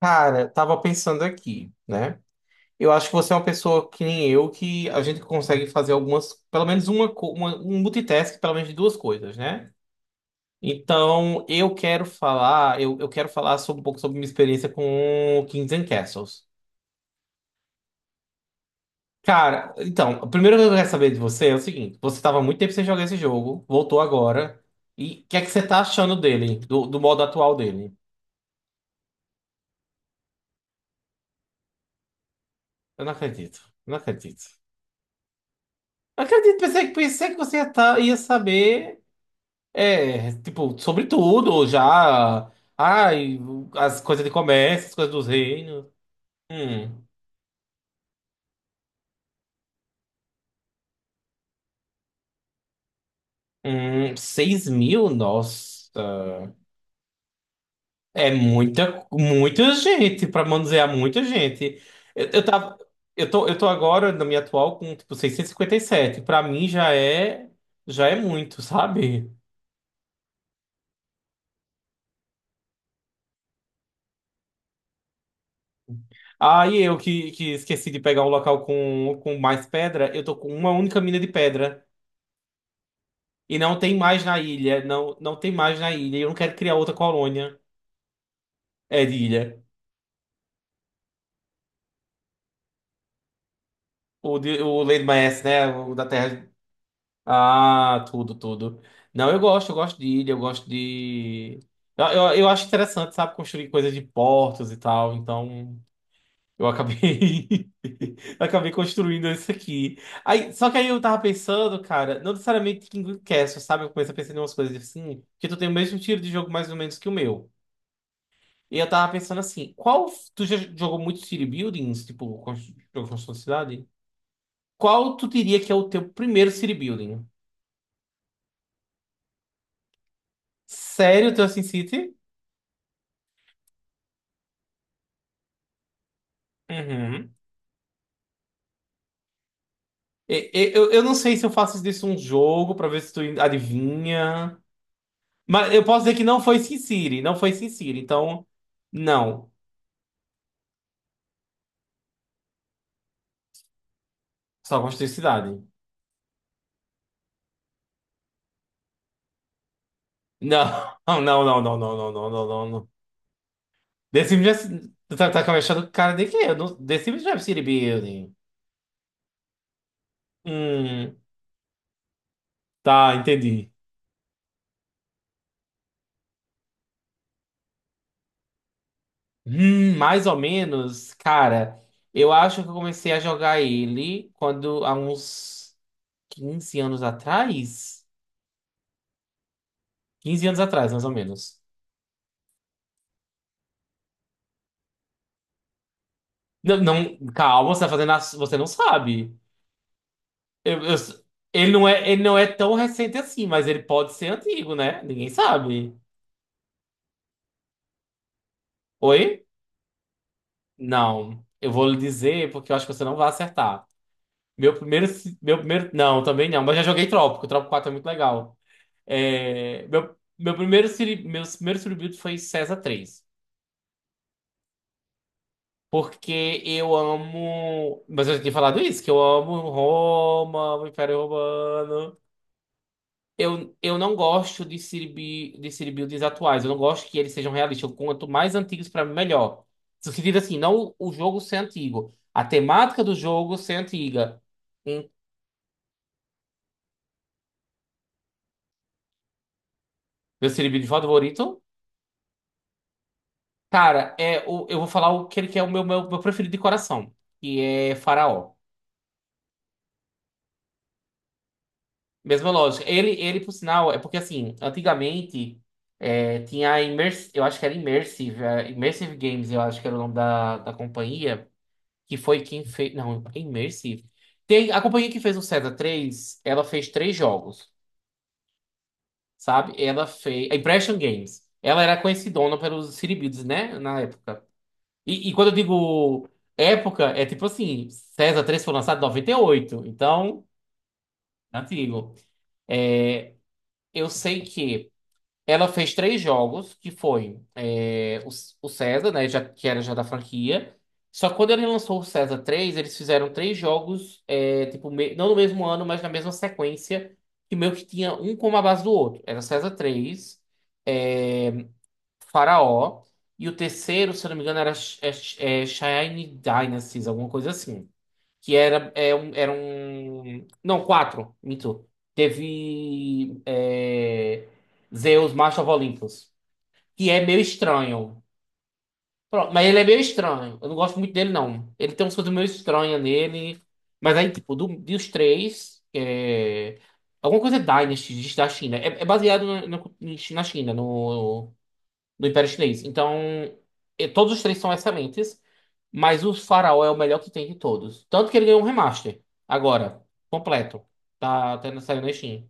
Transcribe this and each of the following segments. Cara, tava pensando aqui, né? Eu acho que você é uma pessoa que nem eu, que a gente consegue fazer algumas, pelo menos uma, um multitask, pelo menos de duas coisas, né? Então, eu quero falar sobre, um pouco sobre minha experiência com Kings and Castles. Cara, então, a primeira coisa que eu quero saber de você é o seguinte: você tava há muito tempo sem jogar esse jogo, voltou agora, e o que é que você tá achando dele, do modo atual dele? Eu não acredito, não acredito. Não acredito, pensei, pensei que você ia, tá, ia saber. É, tipo, sobretudo já. Ai, as coisas de comércio, as coisas dos reinos. Hum, 6 mil? Nossa. É muita, muita gente, pra manusear muita gente. Eu tava. Eu tô agora, na minha atual, com, tipo, 657. Pra mim já é. Já é muito, sabe? Ah, e eu que esqueci de pegar um local com mais pedra, eu tô com uma única mina de pedra. E não tem mais na ilha. Não, não tem mais na ilha. E eu não quero criar outra colônia. É de ilha. O Lady Maes, né? O da Terra. Ah, tudo, tudo. Não, eu gosto de ilha, eu gosto de. Eu acho interessante, sabe? Construir coisas de portos e tal. Então, eu acabei. acabei construindo isso aqui. Aí, só que aí eu tava pensando, cara, não necessariamente King Castle, sabe? Eu comecei a pensar em umas coisas assim, que tu tem o mesmo tiro de jogo mais ou menos que o meu. E eu tava pensando assim, qual. Tu já jogou muito city buildings, tipo, jogo de construção de cidade? Qual tu diria que é o teu primeiro city building? Sério, o teu SimCity? Uhum. Eu não sei se eu faço disso um jogo pra ver se tu adivinha. Mas eu posso dizer que não foi SimCity, não foi SimCity. Então, não. Só construir cidade. Não, não, não, não, não, não, não, não, não, não. The Sims já. Tu tá com a cara de quê? Eu não- The Sims já é city building. Hum. Tá, entendi. Mais ou menos, cara, eu acho que eu comecei a jogar ele quando há uns 15 anos atrás. 15 anos atrás, mais ou menos. Não, não, calma, você tá fazendo, você não sabe. Eu- eu- ele não é tão recente assim, mas ele pode ser antigo, né? Ninguém sabe. Oi? Não. Eu vou lhe dizer porque eu acho que você não vai acertar. Meu primeiro, meu primeiro, não, também não, mas já joguei Trópico. Trópico 4 é muito legal. É, meu primeiro Sirius foi César 3. Porque eu amo. Mas eu já tinha falado isso, que eu amo Roma, amo o Império Romano. Eu não gosto de de Siribuilds atuais. Eu não gosto que eles sejam realistas. Quanto mais antigos, pra mim, melhor. No sentido assim, não o jogo ser antigo. A temática do jogo ser antiga. Hum, Meu Siribuild favorito? Cara, eu vou falar o que ele que é o meu preferido de coração. Que é Faraó. Mesma lógica. Ele, por sinal, é porque assim, antigamente tinha a Immers, eu acho que era Immersive, Immersive Games, eu acho que era o nome da companhia, que foi quem fez. Não, é Immersive. Tem, a companhia que fez o César 3 ela fez 3 jogos, sabe? Ela fez. A Impression Games. Ela era conhecidona pelos Siribids, né? Na época. E quando eu digo época, é tipo assim, César 3 foi lançado em 98 então, antigo. Eu sei que. Ela fez três jogos, que foi o César, né, já, que era já da franquia. Só que quando ele lançou o César 3 eles fizeram 3 jogos, tipo, não no mesmo ano, mas na mesma sequência, que meio que tinha um como a base do outro. Era César 3, é, Faraó, e o terceiro, se eu não me engano, era Shine Dynasties, alguma coisa assim que era, era um. Não, 4, minto. Teve Zeus, Master of Olympus, que é meio estranho. Pronto, mas ele é meio estranho. Eu não gosto muito dele, não. Ele tem umas coisas meio estranhas nele. Mas aí, tipo, dos 3, alguma coisa é Dynasty da China. É baseado na China, no, do Império Chinês. Então, todos os 3 são excelentes, mas o Faraó é o melhor que tem de todos. Tanto que ele ganhou um remaster agora, completo. Tá até saindo na Steam.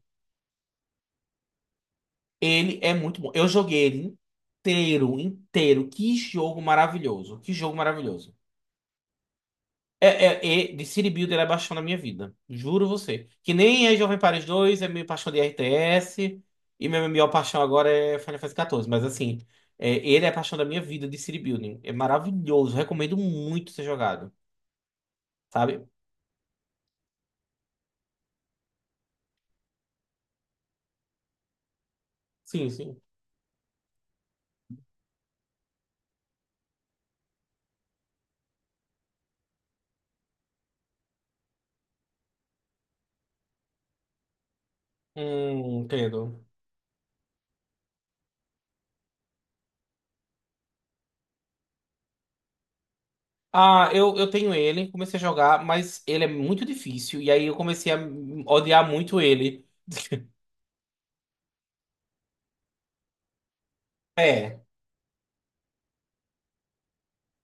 Ele é muito bom. Eu joguei ele inteiro, inteiro. Que jogo maravilhoso. Que jogo maravilhoso. É, é, de City Builder é paixão da minha vida. Juro você. Que nem é Jovem Paris 2 é minha paixão de RTS. E minha maior paixão agora é Final Fantasy XIV. Mas assim, ele é a paixão da minha vida de City Building. É maravilhoso. Recomendo muito ser jogado. Sabe? Sim, sim. Entendo. Ah, eu tenho ele, comecei a jogar, mas ele é muito difícil. E aí eu comecei a odiar muito ele. É.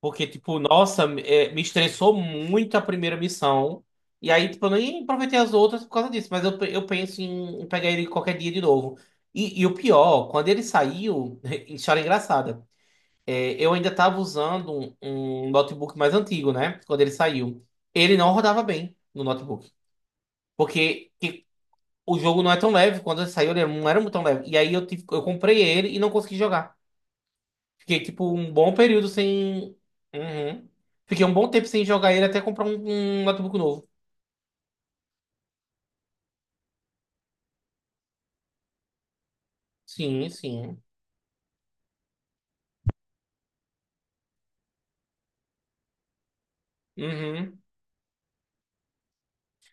Porque, tipo, nossa, me estressou muito a primeira missão. E aí, tipo, eu nem aproveitei as outras por causa disso. Mas eu penso em, pegar ele qualquer dia de novo. E o pior, quando ele saiu, história engraçada. Eu ainda tava usando um notebook mais antigo, né? Quando ele saiu. Ele não rodava bem no notebook. Porque o jogo não é tão leve. Quando ele saiu, ele não era tão leve. E aí eu comprei ele e não consegui jogar. Fiquei, tipo, um bom período sem. Uhum. Fiquei um bom tempo sem jogar ele até comprar um notebook novo. Sim, sim. Uhum.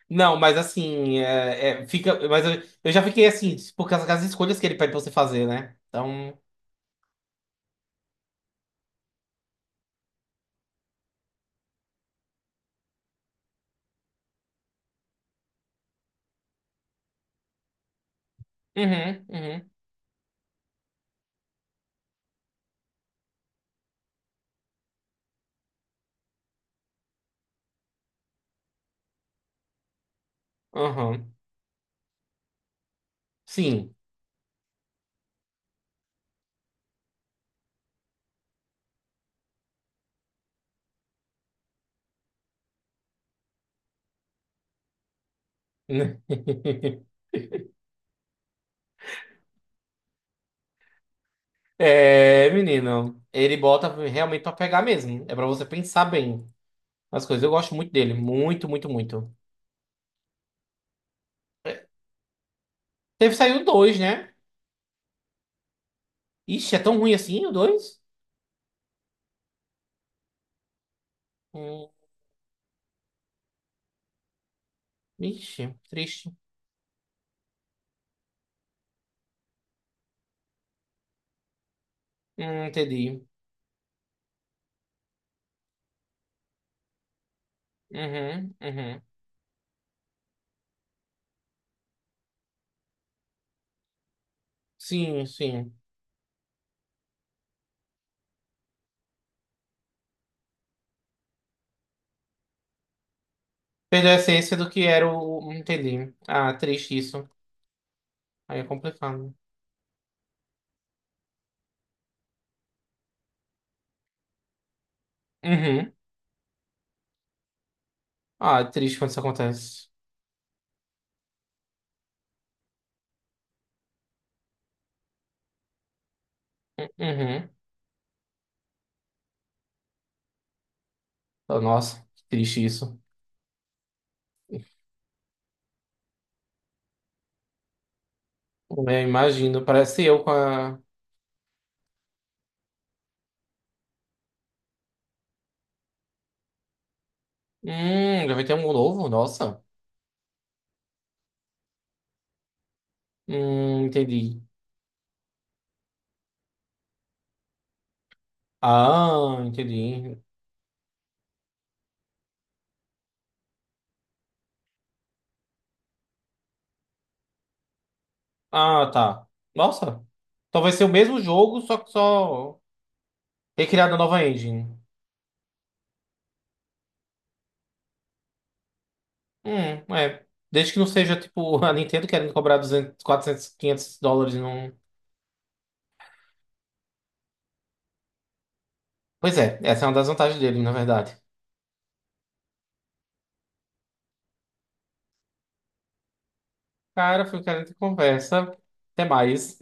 Não, mas assim, fica. Mas eu já fiquei assim, por causa das escolhas que ele pede pra você fazer, né? Então. Uhum, uhum, uhum. Sim. É, menino. Ele bota realmente pra pegar mesmo. É pra você pensar bem as coisas. Eu gosto muito dele. Muito, muito, muito. É, Teve saiu 2 né? Ixi, é tão ruim assim o 2. Hum. Ixi, triste. Entendi. Uhum, uhum. Sim, sim. Perdeu a essência do que era o. Entendi. Ah, triste isso. Aí é complicado. Uhum. Ah, é triste quando isso acontece. Uhum. Oh, nossa, que triste isso. Eu imagino. Parece eu com a. Já vai ter um novo? Nossa. Entendi. Ah, entendi. Ah, tá. Nossa. Então vai ser o mesmo jogo, só que só recriado na nova engine. É. Desde que não seja tipo a Nintendo querendo cobrar 200 400 500 dólares e não. Pois é, essa é uma das vantagens dele, na verdade. Cara, foi querendo conversa. Até mais.